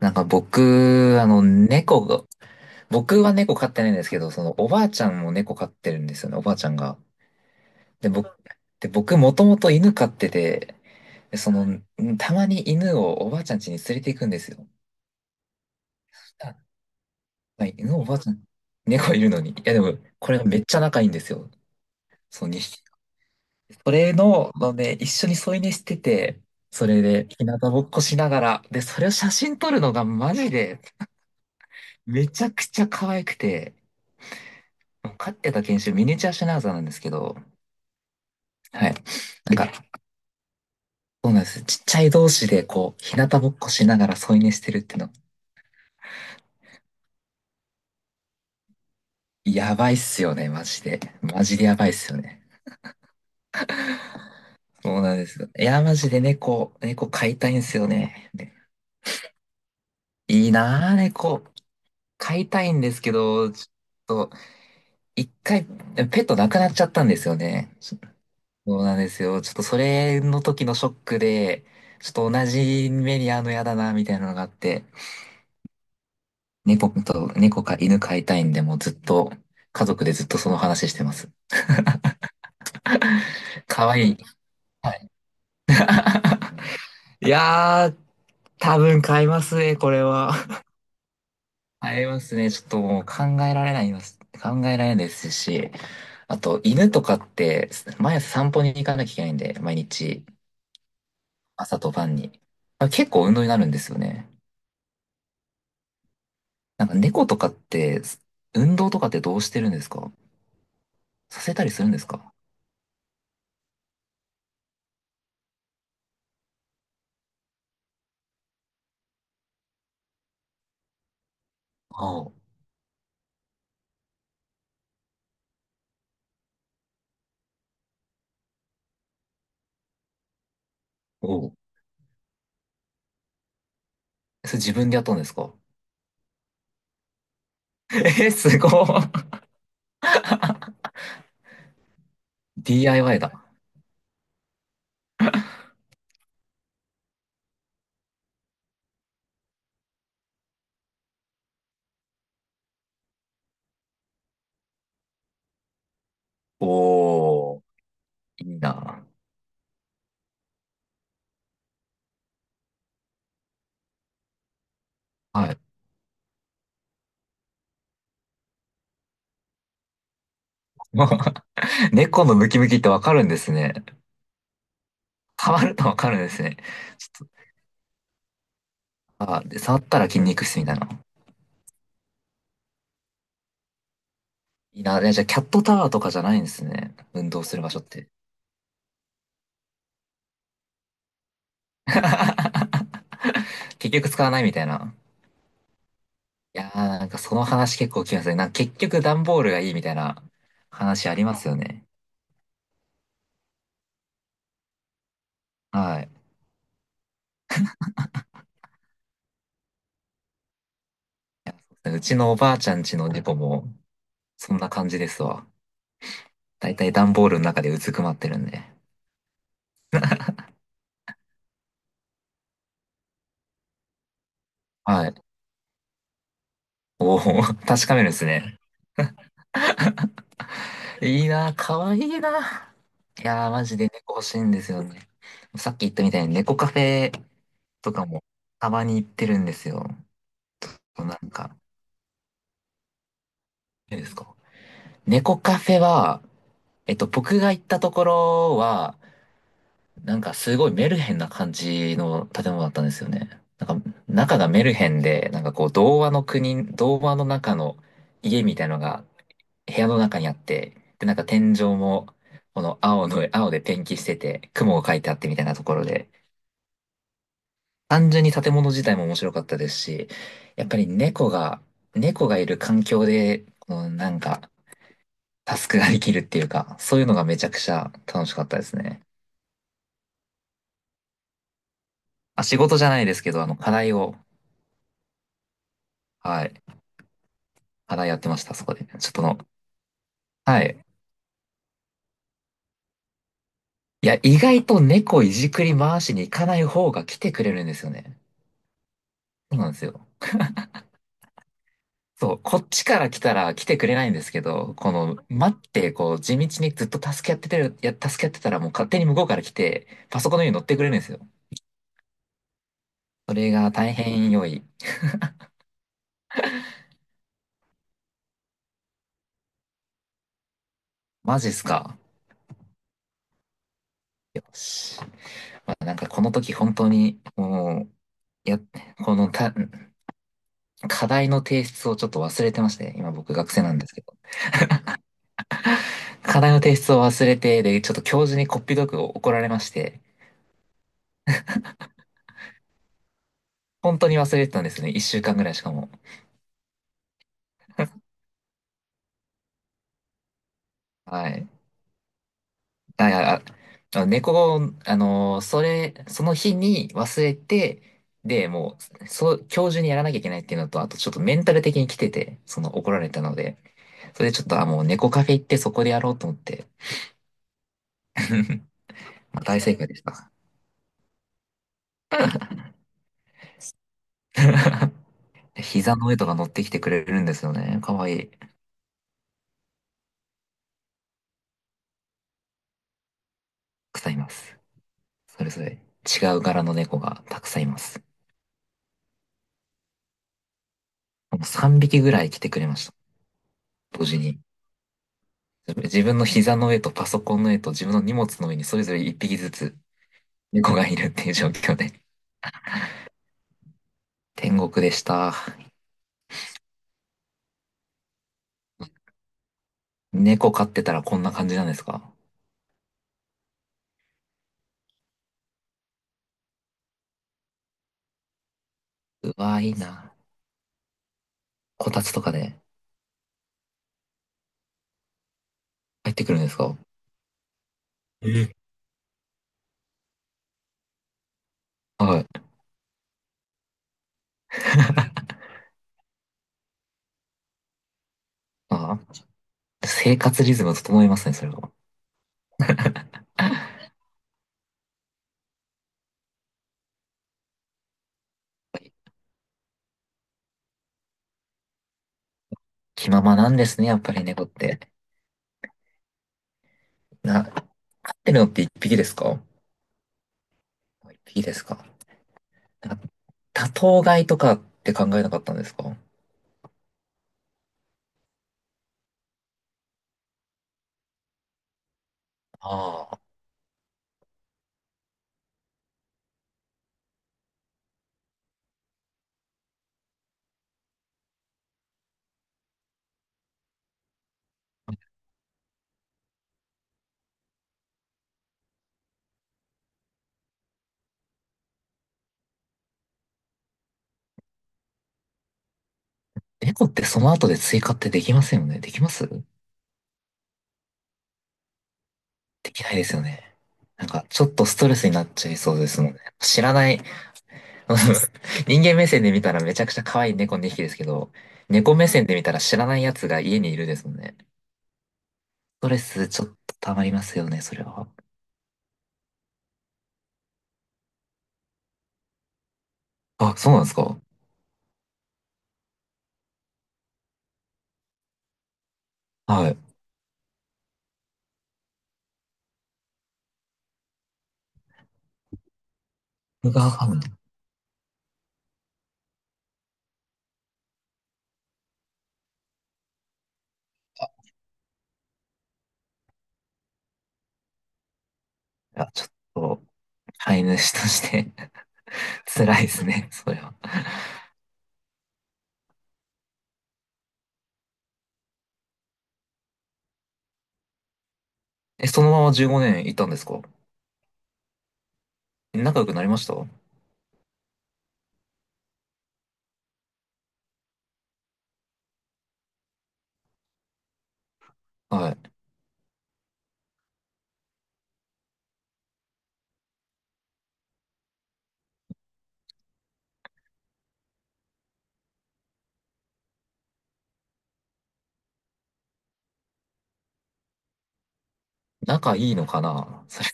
なんか僕、あの、猫が、僕は猫飼ってないんですけど、そのおばあちゃんも猫飼ってるんですよね、おばあちゃんが。で、僕、で、僕もともと犬飼ってて、で、たまに犬をおばあちゃん家に連れて行くんですよ。あ、はい。犬おばあちゃん、猫いるのに。いや、でも、これがめっちゃ仲いいんですよ。そう、2、それの、一緒に添い寝してて、それで、日向ぼっこしながら、で、それを写真撮るのがマジで、めちゃくちゃ可愛くて、飼ってた犬種、ミニチュアシュナウザーなんですけど、はい。なんか、そうなんです。ちっちゃい同士で、こう、日向ぼっこしながら添い寝してるっての、やばいっすよね、マジで。マジでやばいっすよね。そうなんですよ。いや、マジで猫飼いたいんですよね。いいなぁ、猫。飼いたいんですけど、ちょっと、一回、ペットなくなっちゃったんですよね。そうなんですよ。ちょっとそれの時のショックで、ちょっと同じ目に遭うのやだな、みたいなのがあって、猫か犬飼いたいんで、もうずっと、家族でずっとその話してます。かわいい。はい。いやー、多分買いますね、これは。買いますね。ちょっともう考えられないます。考えられないですし、あと犬とかって、毎朝散歩に行かなきゃいけないんで、毎日、朝と晩に。あ、結構運動になるんですよね。なんか猫とかって、運動とかってどうしてるんですか？させたりするんですか？ああ、おう。それ自分でやったんですか？ え、すごい。DIY だ。おー、いいな。はい。猫のムキムキってわかるんですね。触るとわかるんですね。ちょっと、あ、で、触ったら筋肉質みたいな。いいな。え、じゃあ、キャットタワーとかじゃないんですね。運動する場所って。結局使わないみたいな。いやー、なんかその話結構聞きますね。なんか結局段ボールがいいみたいな話ありますよね。はい。うちのおばあちゃんちの猫も、そんな感じですわ。だいたい段ボールの中でうずくまってるんで。はい。おお、確かめるんですね。いいなぁ、かわいいなぁ。いやー、マジで猫欲しいんですよね。さっき言ったみたいに猫カフェとかもたまに行ってるんですよ。なんか、いいですか？猫カフェは、僕が行ったところは、なんかすごいメルヘンな感じの建物だったんですよね。なんか、中がメルヘンで、なんかこう、童話の国、童話の中の家みたいのが部屋の中にあって、で、なんか天井も、この青の、青でペンキしてて、雲が描いてあってみたいなところで、単純に建物自体も面白かったですし、やっぱり猫がいる環境で、このなんか、タスクができるっていうか、そういうのがめちゃくちゃ楽しかったですね。あ、仕事じゃないですけど、課題を、はい、課題やってました、そこで。ちょっとの、はい。いや、意外と猫いじくり回しに行かない方が来てくれるんですよね。そうなんですよ。そう、こっちから来たら来てくれないんですけど、この、待って、こう、地道にずっと助け合っててる、助け合ってたらもう勝手に向こうから来て、パソコンの上に乗ってくれるんですよ。それが大変良い。マジっすか。よし。まあ、なんかこの時本当に、もう、や、このた、課題の提出をちょっと忘れてまして、今僕学生なんですけど。課題の提出を忘れて、で、ちょっと教授にこっぴどく怒られまして、本当に忘れてたんですね。一週間ぐらいしかも。はい。あ、猫、その日に忘れて、で、もう、そう、今日中にやらなきゃいけないっていうのと、あとちょっとメンタル的に来てて、その怒られたので、それでちょっと、あ、もう猫カフェ行ってそこでやろうと思って、まあ大正解でした。膝の上とか乗ってきてくれるんですよね。かわいい。たくさんいます。それぞれ違う柄の猫がたくさんいます。もう3匹ぐらい来てくれました。同時に。自分の膝の上とパソコンの上と自分の荷物の上にそれぞれ1匹ずつ猫がいるっていう状況で。天国でした。猫飼ってたらこんな感じなんですか？うわ、いいな。こたつとかで入ってくるんですか？え、はい。ああ、生活リズム整いますね、それは。気ままなんですね、やっぱり猫って。飼ってるのって一匹ですか？一匹ですか？なんか多頭飼いとかって考えなかったんですか？ああ、猫ってその後で追加ってできませんよね。できます？できないですよね。なんか、ちょっとストレスになっちゃいそうですもんね。知らない、人間目線で見たらめちゃくちゃ可愛い猫2匹ですけど、猫目線で見たら知らないやつが家にいるですもんね。ストレスちょっと溜まりますよね、それは。あ、そうなんですか？はい。僕がわかんない。いや、ちょっと、飼い主として 辛いですね、それは。え、そのまま15年いたんですか？仲良くなりました？はい。仲いいのかな、それ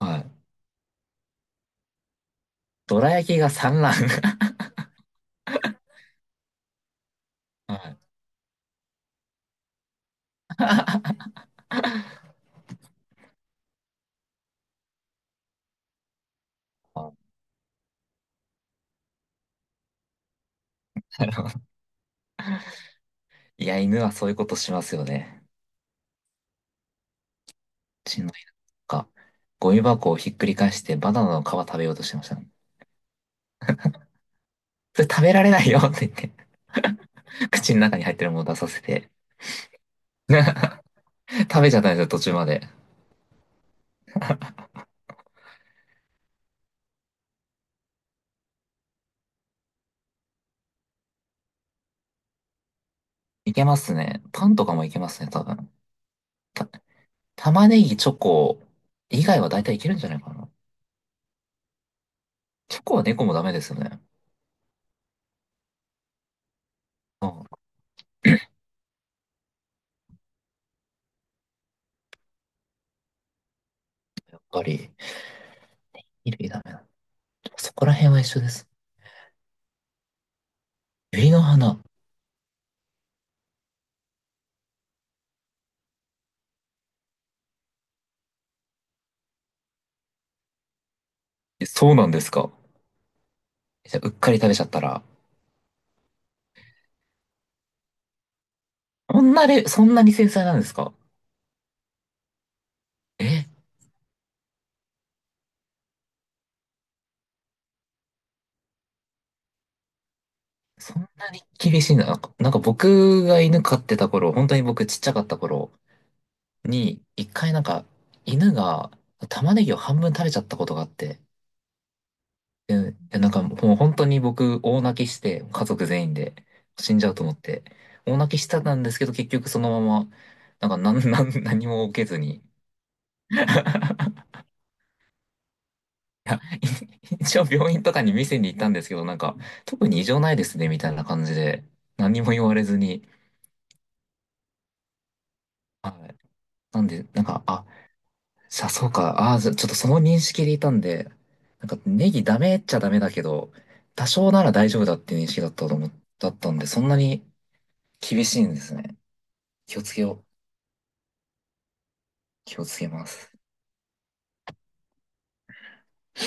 は。はい。どら焼きが産卵。はい。あ、なるほど。いや、犬はそういうことしますよね。うちの犬が、ゴミ箱をひっくり返してバナナの皮食べようとしてましたね。それ食べられないよって言って、口の中に入ってるものを出させて、食べちゃったんですよ、途中まで。いけますね。パンとかもいけますね、多分。た、玉ねぎ、チョコ以外は大体いけるんじゃないかな。チョコは猫もダメですよね。うん、やっぱり、衣類ダメだ。そこら辺は一緒です。ユリの花。え、そうなんですか。じゃあ、うっかり食べちゃったら、そんなに、そんなに繊細なんですか？えー、そんなに厳しいな。なんか僕が犬飼ってた頃、本当に僕ちっちゃかった頃に、一回なんか犬が玉ねぎを半分食べちゃったことがあって、で、なんかもう本当に僕大泣きして、家族全員で死んじゃうと思って、大泣きしてたんですけど結局そのまま、なんかなん 何も受けずに。いや、一応病院とかに見せに行ったんですけど、なんか特に異常ないですねみたいな感じで、何も言われずに、はい。なんで、なんか、あ、さあ、そうか。ああ、じゃちょっとその認識でいたんで、なんかネギダメっちゃダメだけど、多少なら大丈夫だっていう認識だっただったんで、そんなに厳しいんですね。気をつけよう。気をつけます。